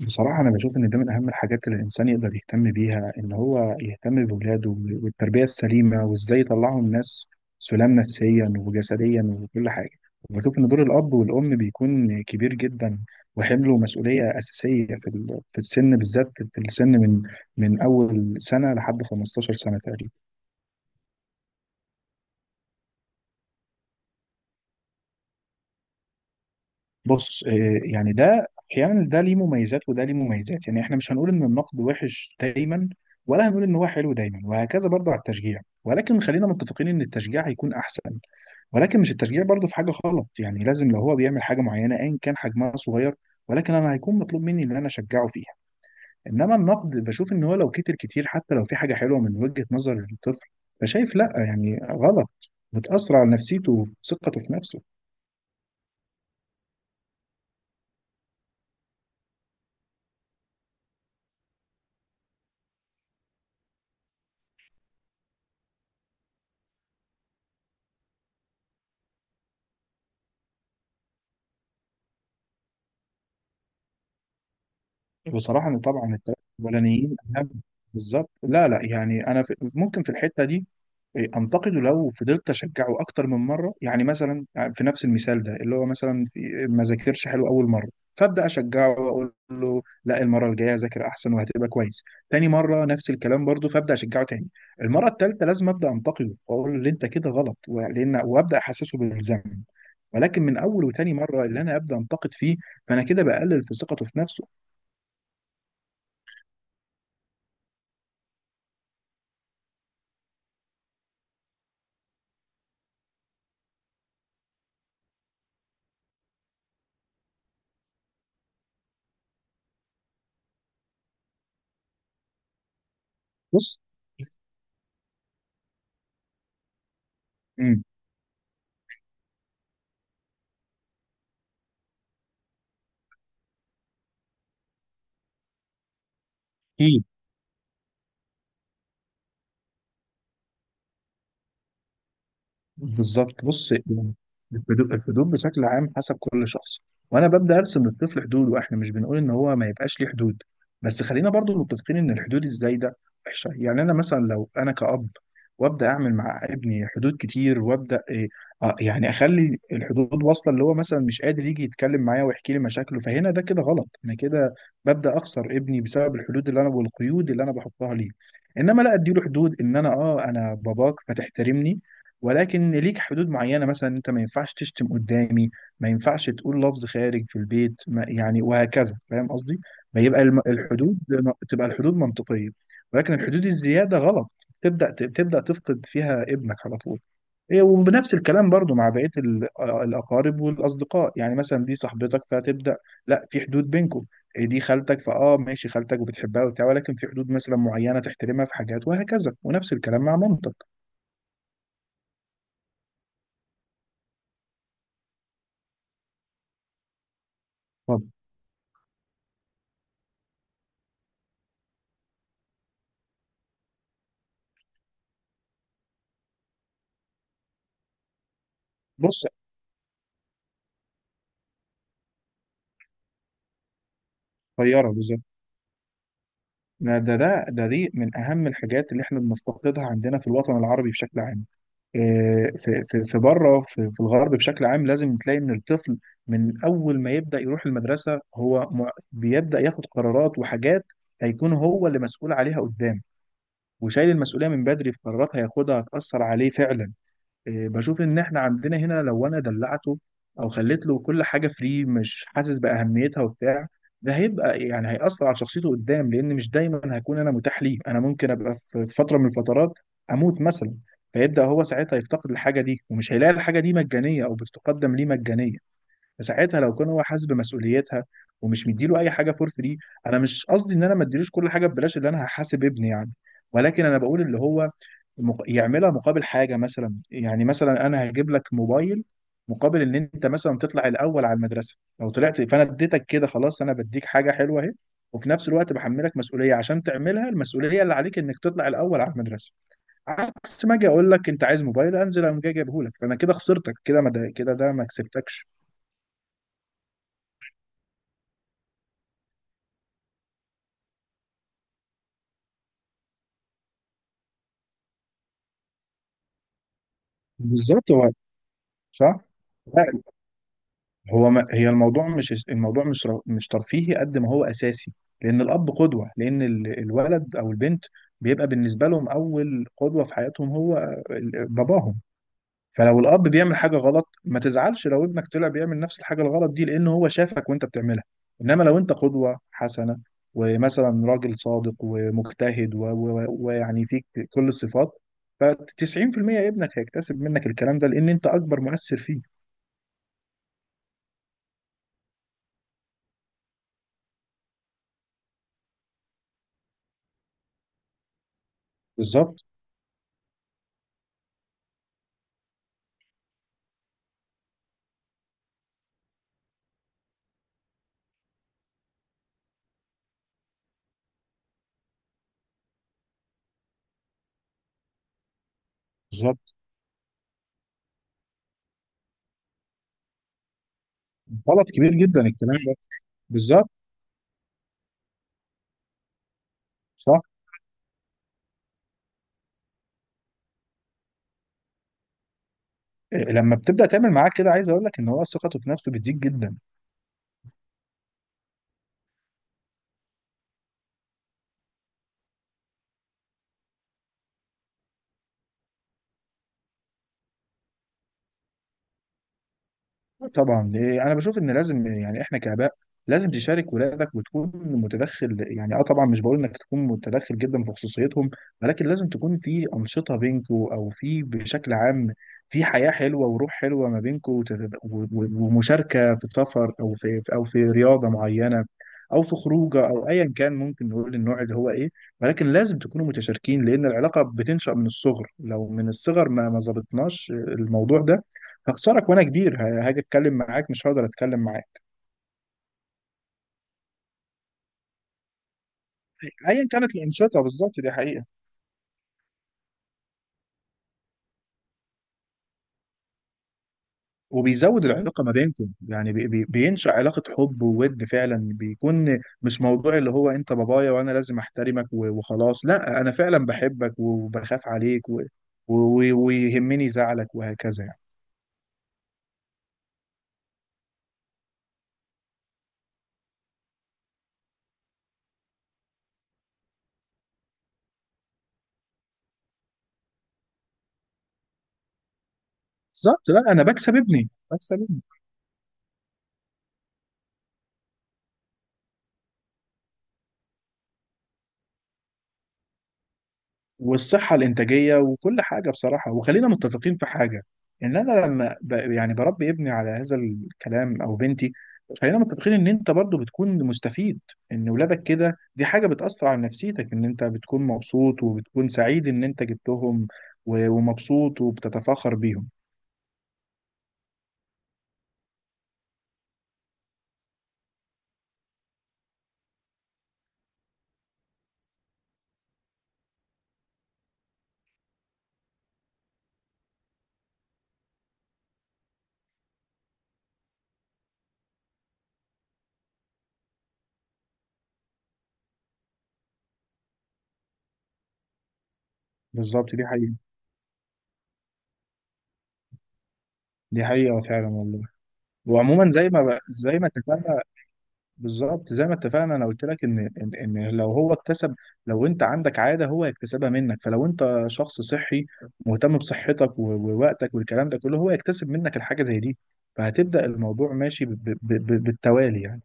بصراحة أنا بشوف إن ده من أهم الحاجات اللي الإنسان يقدر يهتم بيها، إن هو يهتم بولاده والتربية السليمة وإزاي يطلعهم ناس سلام نفسيا وجسديا وكل حاجة. وبشوف إن دور الأب والأم بيكون كبير جدا وحمله مسؤولية أساسية في السن، بالذات في السن من أول سنة لحد 15 سنة تقريبا. بص، يعني ده احيانا ده ليه مميزات وده ليه مميزات. يعني احنا مش هنقول ان النقد وحش دايما، ولا هنقول ان هو حلو دايما، وهكذا برضه على التشجيع، ولكن خلينا متفقين ان التشجيع هيكون احسن. ولكن مش التشجيع برضه في حاجه غلط، يعني لازم لو هو بيعمل حاجه معينه ايا كان حجمها صغير، ولكن انا هيكون مطلوب مني ان انا اشجعه فيها. انما النقد بشوف ان هو لو كتر كتير، حتى لو في حاجه حلوه من وجهه نظر الطفل، فشايف لا يعني غلط، بتاثر على نفسيته وثقته في نفسه. بصراحة أنا طبعا الثلاثة الأولانيين أهم. بالظبط، لا لا يعني أنا في ممكن في الحتة دي أنتقده لو فضلت أشجعه أكتر من مرة. يعني مثلا، في نفس المثال ده، اللي هو مثلا في ما ذاكرش حلو أول مرة، فأبدأ أشجعه وأقول له لا، المرة الجاية ذاكر أحسن وهتبقى كويس. تاني مرة نفس الكلام برضه، فأبدأ أشجعه تاني. المرة التالتة لازم أبدأ أنتقده وأقول له اللي أنت كده غلط ولأن، وأبدأ أحسسه بالذنب. ولكن من أول وتاني مرة اللي أنا أبدأ أنتقد فيه، فأنا كده بقلل في ثقته في نفسه. بص، اكيد. بالظبط، بص يعني، الحدود الحدود بشكل عام حسب كل شخص، وانا ببدا ارسم للطفل حدوده. احنا مش بنقول ان هو ما يبقاش ليه حدود، بس خلينا برضو متفقين ان الحدود الزايده وحشه. يعني انا مثلا لو انا كأب وابدا اعمل مع ابني حدود كتير وابدا إيه، آه يعني اخلي الحدود واصله اللي هو مثلا مش قادر يجي يتكلم معايا ويحكي لي مشاكله، فهنا ده كده غلط، انا كده ببدا اخسر ابني بسبب الحدود اللي انا والقيود اللي انا بحطها ليه. انما لا، اديله حدود ان انا اه انا باباك فتحترمني، ولكن ليك حدود معينة. مثلا انت ما ينفعش تشتم قدامي، ما ينفعش تقول لفظ خارج في البيت، ما يعني، وهكذا. فاهم قصدي؟ ما يبقى الحدود، تبقى الحدود منطقية، ولكن الحدود الزيادة غلط، تبدأ تبدأ تفقد فيها ابنك على طول. وبنفس الكلام برضو مع بقية الأقارب والأصدقاء. يعني مثلا دي صاحبتك، فتبدأ لا، في حدود بينكم. دي خالتك، فاه ماشي خالتك وبتحبها وبتاع، ولكن في حدود مثلا معينة تحترمها في حاجات، وهكذا، ونفس الكلام مع مامتك. طب بص، طيارة بالظبط. ده دي من أهم الحاجات اللي احنا بنفتقدها عندنا في الوطن العربي بشكل عام. في بره في الغرب بشكل عام لازم تلاقي إن الطفل من أول ما يبدأ يروح المدرسة هو بيبدأ ياخد قرارات وحاجات هيكون هو اللي مسؤول عليها قدام، وشايل المسؤولية من بدري في قرارات هياخدها هتأثر عليه فعلا. بشوف ان احنا عندنا هنا لو انا دلعته او خليت له كل حاجه فري، مش حاسس باهميتها وبتاع، ده هيبقى يعني هيأثر على شخصيته قدام، لان مش دايما هكون انا متاح ليه. انا ممكن ابقى في فتره من الفترات اموت مثلا، فيبدأ هو ساعتها يفتقد الحاجه دي، ومش هيلاقي الحاجه دي مجانيه او بتقدم ليه مجانيه. فساعتها لو كان هو حاسس بمسؤوليتها ومش مديله اي حاجه فور فري. انا مش قصدي ان انا ما اديلوش كل حاجه ببلاش، اللي انا هحاسب ابني يعني، ولكن انا بقول اللي هو يعملها مقابل حاجة. مثلا يعني مثلا أنا هجيب لك موبايل مقابل إن أنت مثلا تطلع الأول على المدرسة. لو طلعت فأنا اديتك كده، خلاص أنا بديك حاجة حلوة أهي، وفي نفس الوقت بحملك مسؤولية عشان تعملها، المسؤولية اللي عليك إنك تطلع الأول على المدرسة. عكس ما أجي أقول لك أنت عايز موبايل أنزل أقوم جاي جايبهولك، فأنا كده خسرتك كده، ما ده كده ده ما كسبتكش. بالظبط هو. صح؟ لا، هو ما هي الموضوع مش الموضوع مش ترفيهي قد ما هو اساسي. لان الاب قدوه، لان الولد او البنت بيبقى بالنسبه لهم اول قدوه في حياتهم هو باباهم. فلو الاب بيعمل حاجه غلط، ما تزعلش لو ابنك طلع بيعمل نفس الحاجه الغلط دي، لان هو شافك وانت بتعملها. انما لو انت قدوه حسنه، ومثلا راجل صادق ومجتهد ويعني فيك كل الصفات، ف 90% ابنك هيكتسب منك الكلام ده، لان انت اكبر مؤثر فيه. بالظبط. بالظبط. غلط كبير جدا الكلام ده. بالظبط. صح. لما بتبدا تعمل معاه كده، عايز اقول لك ان هو ثقته في نفسه بتزيد جدا. طبعا، انا بشوف ان لازم يعني احنا كاباء لازم تشارك ولادك وتكون متدخل. يعني اه طبعا مش بقول انك تكون متدخل جدا في خصوصيتهم، ولكن لازم تكون في انشطه بينكوا او في بشكل عام في حياه حلوه وروح حلوه ما بينكوا، ومشاركه في سفر او في او في رياضه معينه او في خروجه او ايا كان ممكن نقول النوع اللي هو ايه، ولكن لازم تكونوا متشاركين. لان العلاقه بتنشا من الصغر، لو من الصغر ما ظبطناش الموضوع ده هخسرك، وانا كبير هاجي اتكلم معاك مش هقدر اتكلم معاك. ايا كانت الانشقه بالظبط، دي حقيقه. وبيزود العلاقه ما بينكم. يعني بي بينشا علاقه حب وود فعلا، بيكون مش موضوع اللي هو انت بابايا وانا لازم احترمك وخلاص. لا، انا فعلا بحبك وبخاف عليك و- ويهمني زعلك وهكذا يعني. بالظبط، لا انا بكسب ابني بكسب ابني. والصحة الإنتاجية وكل حاجة بصراحة. وخلينا متفقين في حاجة، إن أنا لما يعني بربي ابني على هذا الكلام أو بنتي، خلينا متفقين إن أنت برضو بتكون مستفيد إن ولادك كده. دي حاجة بتأثر على نفسيتك، إن أنت بتكون مبسوط وبتكون سعيد إن أنت جبتهم ومبسوط وبتتفاخر بيهم. بالظبط دي حقيقة. دي حقيقة فعلا والله. وعموما زي ما زي ما اتفقنا. بالظبط زي ما اتفقنا، انا قلت لك ان ان إن لو هو اكتسب، لو انت عندك عاده هو يكتسبها منك. فلو انت شخص صحي مهتم بصحتك ووقتك والكلام ده كله، هو يكتسب منك الحاجه زي دي، فهتبدا الموضوع ماشي بالتوالي يعني.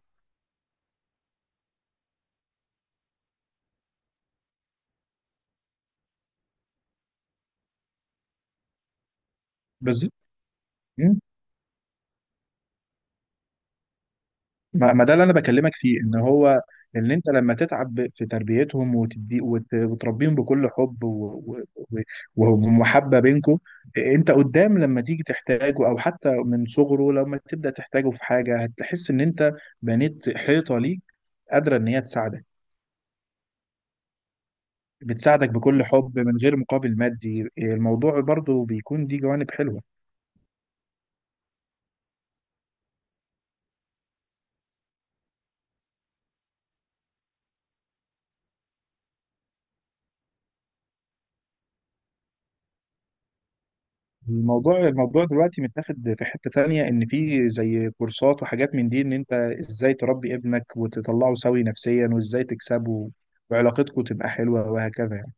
بالظبط، ما ده اللي انا بكلمك فيه، ان هو ان انت لما تتعب في تربيتهم وتدي وتربيهم بكل حب و- ومحبه بينكم، انت قدام لما تيجي تحتاجه، او حتى من صغره لما تبدا تحتاجه في حاجه، هتحس ان انت بنيت حيطه ليك قادره ان هي تساعدك، بتساعدك بكل حب من غير مقابل مادي. الموضوع برضو بيكون دي جوانب حلوه. الموضوع الموضوع دلوقتي متاخد في حتة تانية، ان في زي كورسات وحاجات من دي ان انت ازاي تربي ابنك وتطلعه سوي نفسيا، وازاي تكسبه وعلاقتكم تبقى حلوة وهكذا يعني.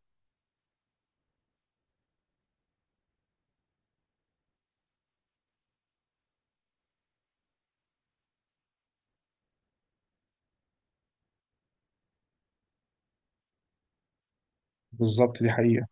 بالظبط دي حقيقة.